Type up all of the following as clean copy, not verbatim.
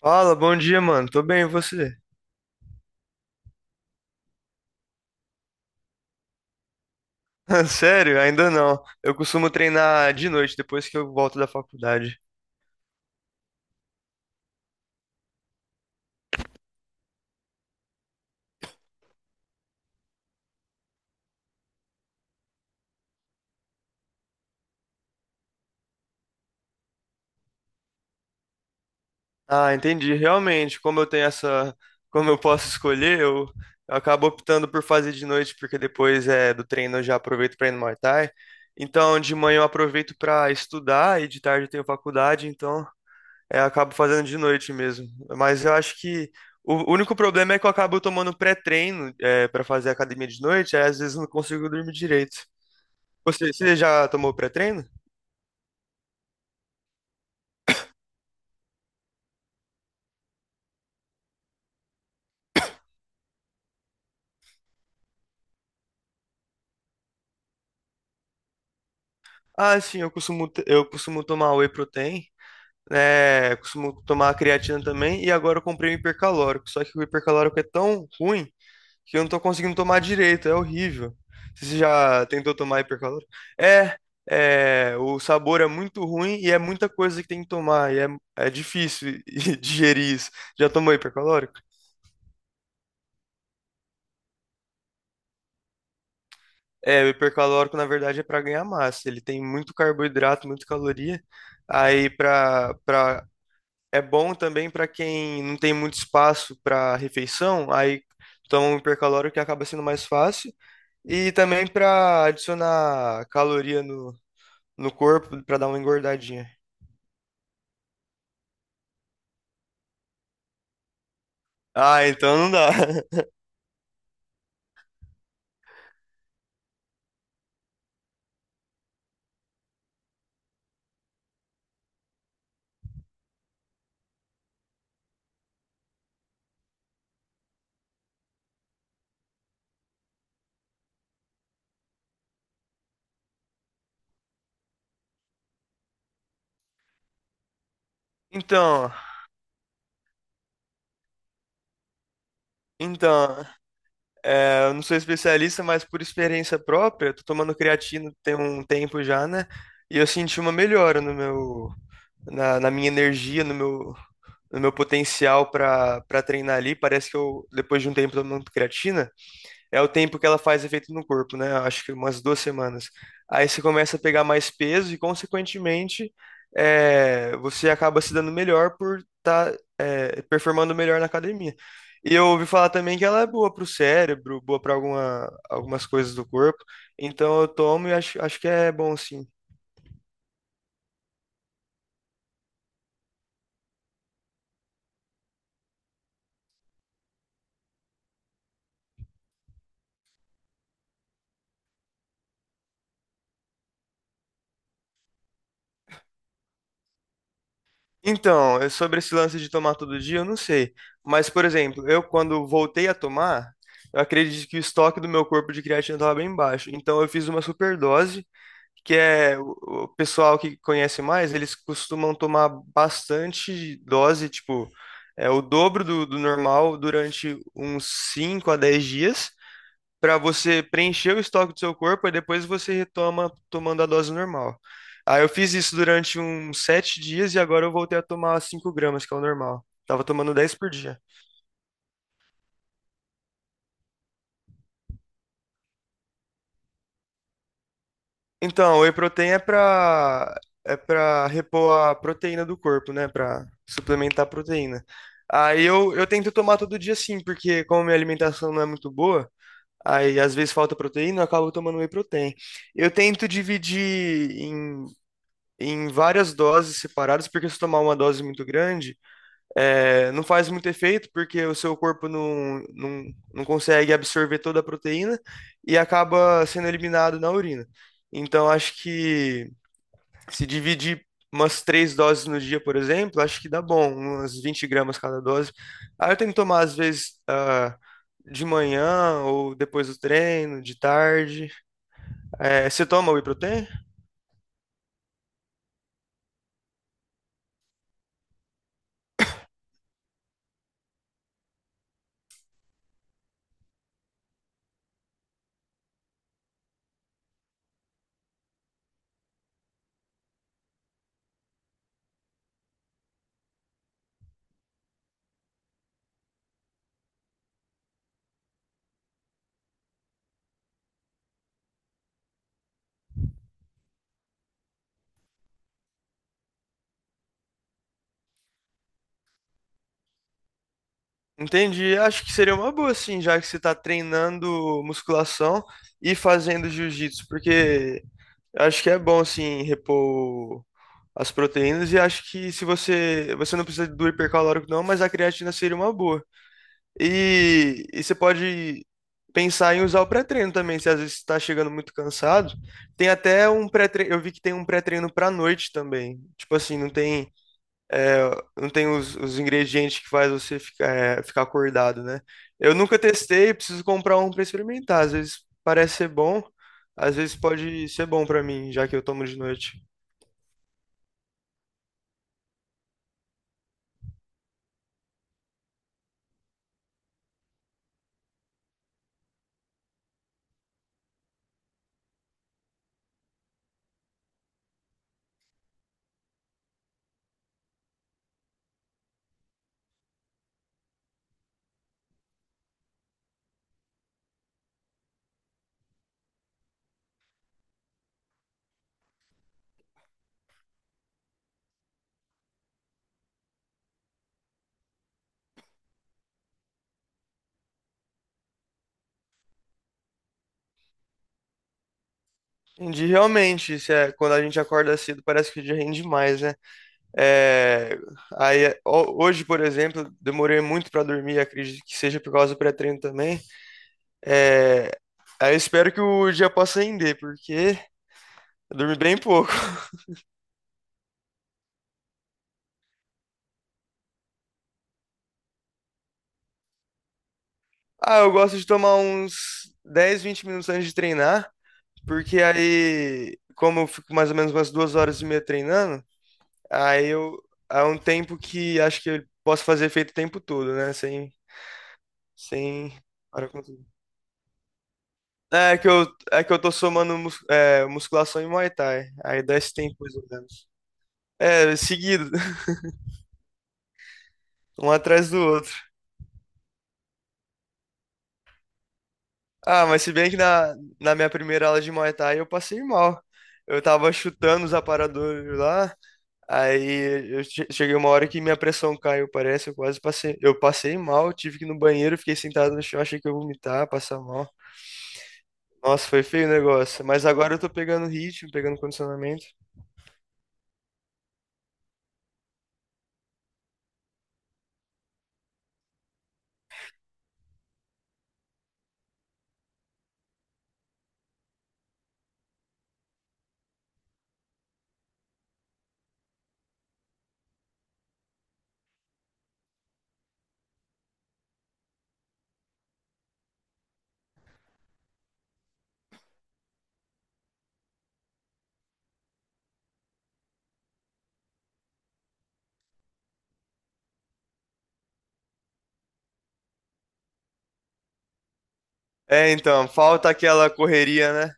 Fala, bom dia, mano. Tô bem, e você? Sério? Ainda não. Eu costumo treinar de noite, depois que eu volto da faculdade. Ah, entendi. Realmente, como eu tenho essa. Como eu posso escolher, eu acabo optando por fazer de noite, porque depois do treino eu já aproveito pra ir no Muay Thai. Então, de manhã eu aproveito pra estudar e de tarde eu tenho faculdade, então eu acabo fazendo de noite mesmo. Mas eu acho que. O único problema é que eu acabo tomando pré-treino para fazer academia de noite, aí às vezes eu não consigo dormir direito. Você já tomou pré-treino? Ah, sim, eu costumo tomar whey protein, né? Costumo tomar creatina também, e agora eu comprei o hipercalórico. Só que o hipercalórico é tão ruim que eu não tô conseguindo tomar direito, é horrível. Você já tentou tomar hipercalórico? É, é, o sabor é muito ruim e é muita coisa que tem que tomar, e é difícil digerir isso. Já tomou hipercalórico? É, o hipercalórico, na verdade, é para ganhar massa. Ele tem muito carboidrato, muita caloria. Aí para para é bom também para quem não tem muito espaço para refeição, aí toma um hipercalórico que acaba sendo mais fácil. E também para adicionar caloria no, no corpo para dar uma engordadinha. Ah, então não dá. Então, então, eu não sou especialista, mas por experiência própria, eu tô tomando creatina tem um tempo já, né? E eu senti uma melhora no meu na minha energia, no meu potencial para treinar ali. Parece que eu, depois de um tempo tomando creatina, é o tempo que ela faz efeito no corpo, né? Acho que umas 2 semanas. Aí você começa a pegar mais peso e, consequentemente, você acaba se dando melhor por estar performando melhor na academia. E eu ouvi falar também que ela é boa para o cérebro, boa para algumas coisas do corpo. Então eu tomo e acho que é bom sim. Então, é sobre esse lance de tomar todo dia, eu não sei. Mas, por exemplo, eu quando voltei a tomar, eu acredito que o estoque do meu corpo de creatina estava bem baixo. Então, eu fiz uma superdose, que é o pessoal que conhece mais, eles costumam tomar bastante dose, tipo, é o dobro do normal durante uns 5 a 10 dias para você preencher o estoque do seu corpo e depois você retoma tomando a dose normal. Aí eu fiz isso durante uns 7 dias e agora eu voltei a tomar 5 gramas, que é o normal. Tava tomando 10 por dia. Então, o whey protein é pra, repor a proteína do corpo, né? Pra suplementar a proteína. Aí eu tento tomar todo dia sim, porque como minha alimentação não é muito boa, aí às vezes falta proteína, eu acabo tomando whey protein. Eu tento dividir em várias doses separadas, porque se tomar uma dose muito grande, não faz muito efeito, porque o seu corpo não consegue absorver toda a proteína e acaba sendo eliminado na urina. Então, acho que se dividir umas três doses no dia, por exemplo, acho que dá bom, umas 20 gramas cada dose. Aí eu tenho que tomar, às vezes, de manhã ou depois do treino, de tarde. É, você toma whey protein? Entendi. Acho que seria uma boa, sim, já que você tá treinando musculação e fazendo jiu-jitsu, porque acho que é bom, assim, repor as proteínas e acho que se você não precisa do hipercalórico não, mas a creatina seria uma boa. E você pode pensar em usar o pré-treino também, se às vezes está chegando muito cansado. Tem até um pré-treino, eu vi que tem um pré-treino para noite também. Tipo assim, não tem os ingredientes que faz você ficar acordado, né? Eu nunca testei, preciso comprar um para experimentar. Às vezes parece ser bom, às vezes pode ser bom para mim, já que eu tomo de noite. Entendi, realmente, isso é, quando a gente acorda cedo, parece que o dia rende mais, né? É, aí, hoje, por exemplo, demorei muito para dormir, acredito que seja por causa do pré-treino também. É, aí eu espero que o dia possa render, porque eu dormi bem pouco. Ah, eu gosto de tomar uns 10, 20 minutos antes de treinar, porque aí, como eu fico mais ou menos umas 2 horas e meia treinando, aí eu é um tempo que acho que eu posso fazer efeito o tempo todo, né? Sem, sem hora contra- É que eu, é que eu tô somando musculação e Muay Thai. Aí dá esse tempo, mais ou menos. É, seguido, um atrás do outro. Ah, mas se bem que na minha primeira aula de Muay Thai eu passei mal. Eu tava chutando os aparadores lá. Aí eu cheguei uma hora que minha pressão caiu, parece, eu quase passei. Eu passei mal, tive que ir no banheiro, fiquei sentado no chão, achei que eu ia vomitar, passar mal. Nossa, foi feio o negócio. Mas agora eu tô pegando ritmo, pegando condicionamento. É, então, falta aquela correria, né?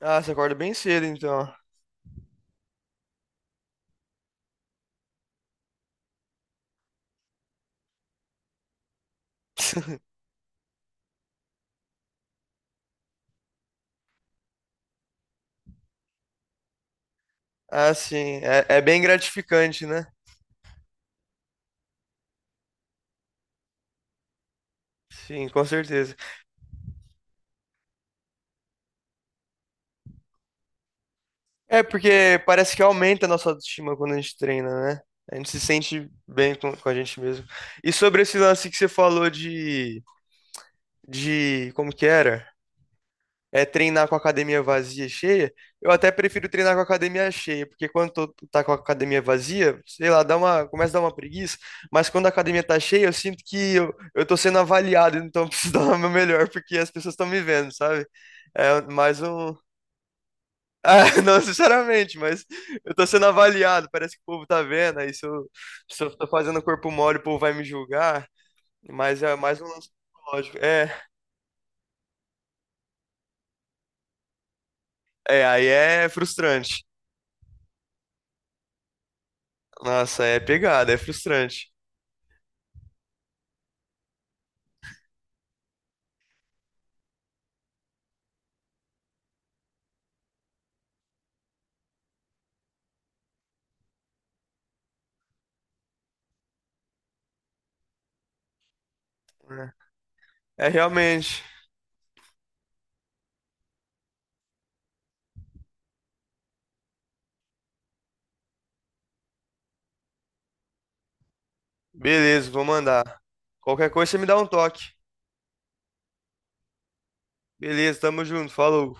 Ah, você acorda bem cedo, então. Ah, sim, é bem gratificante, né? Sim, com certeza. É porque parece que aumenta a nossa autoestima quando a gente treina, né? A gente se sente bem com a gente mesmo. E sobre esse lance que você falou de como que era? É treinar com a academia vazia e cheia. Eu até prefiro treinar com a academia cheia, porque quando tu tá com a academia vazia, sei lá, começa a dar uma preguiça, mas quando a academia tá cheia, eu sinto que eu tô sendo avaliado, então eu preciso dar o meu melhor, porque as pessoas estão me vendo, sabe? É mais um. Ah, não, sinceramente, mas eu tô sendo avaliado, parece que o povo tá vendo, aí se eu tô fazendo corpo mole, o povo vai me julgar, mas é mais um lance psicológico. É, aí é frustrante. Nossa, é pegada, é frustrante. É, É, realmente. Beleza, vou mandar. Qualquer coisa você me dá um toque. Beleza, tamo junto, falou.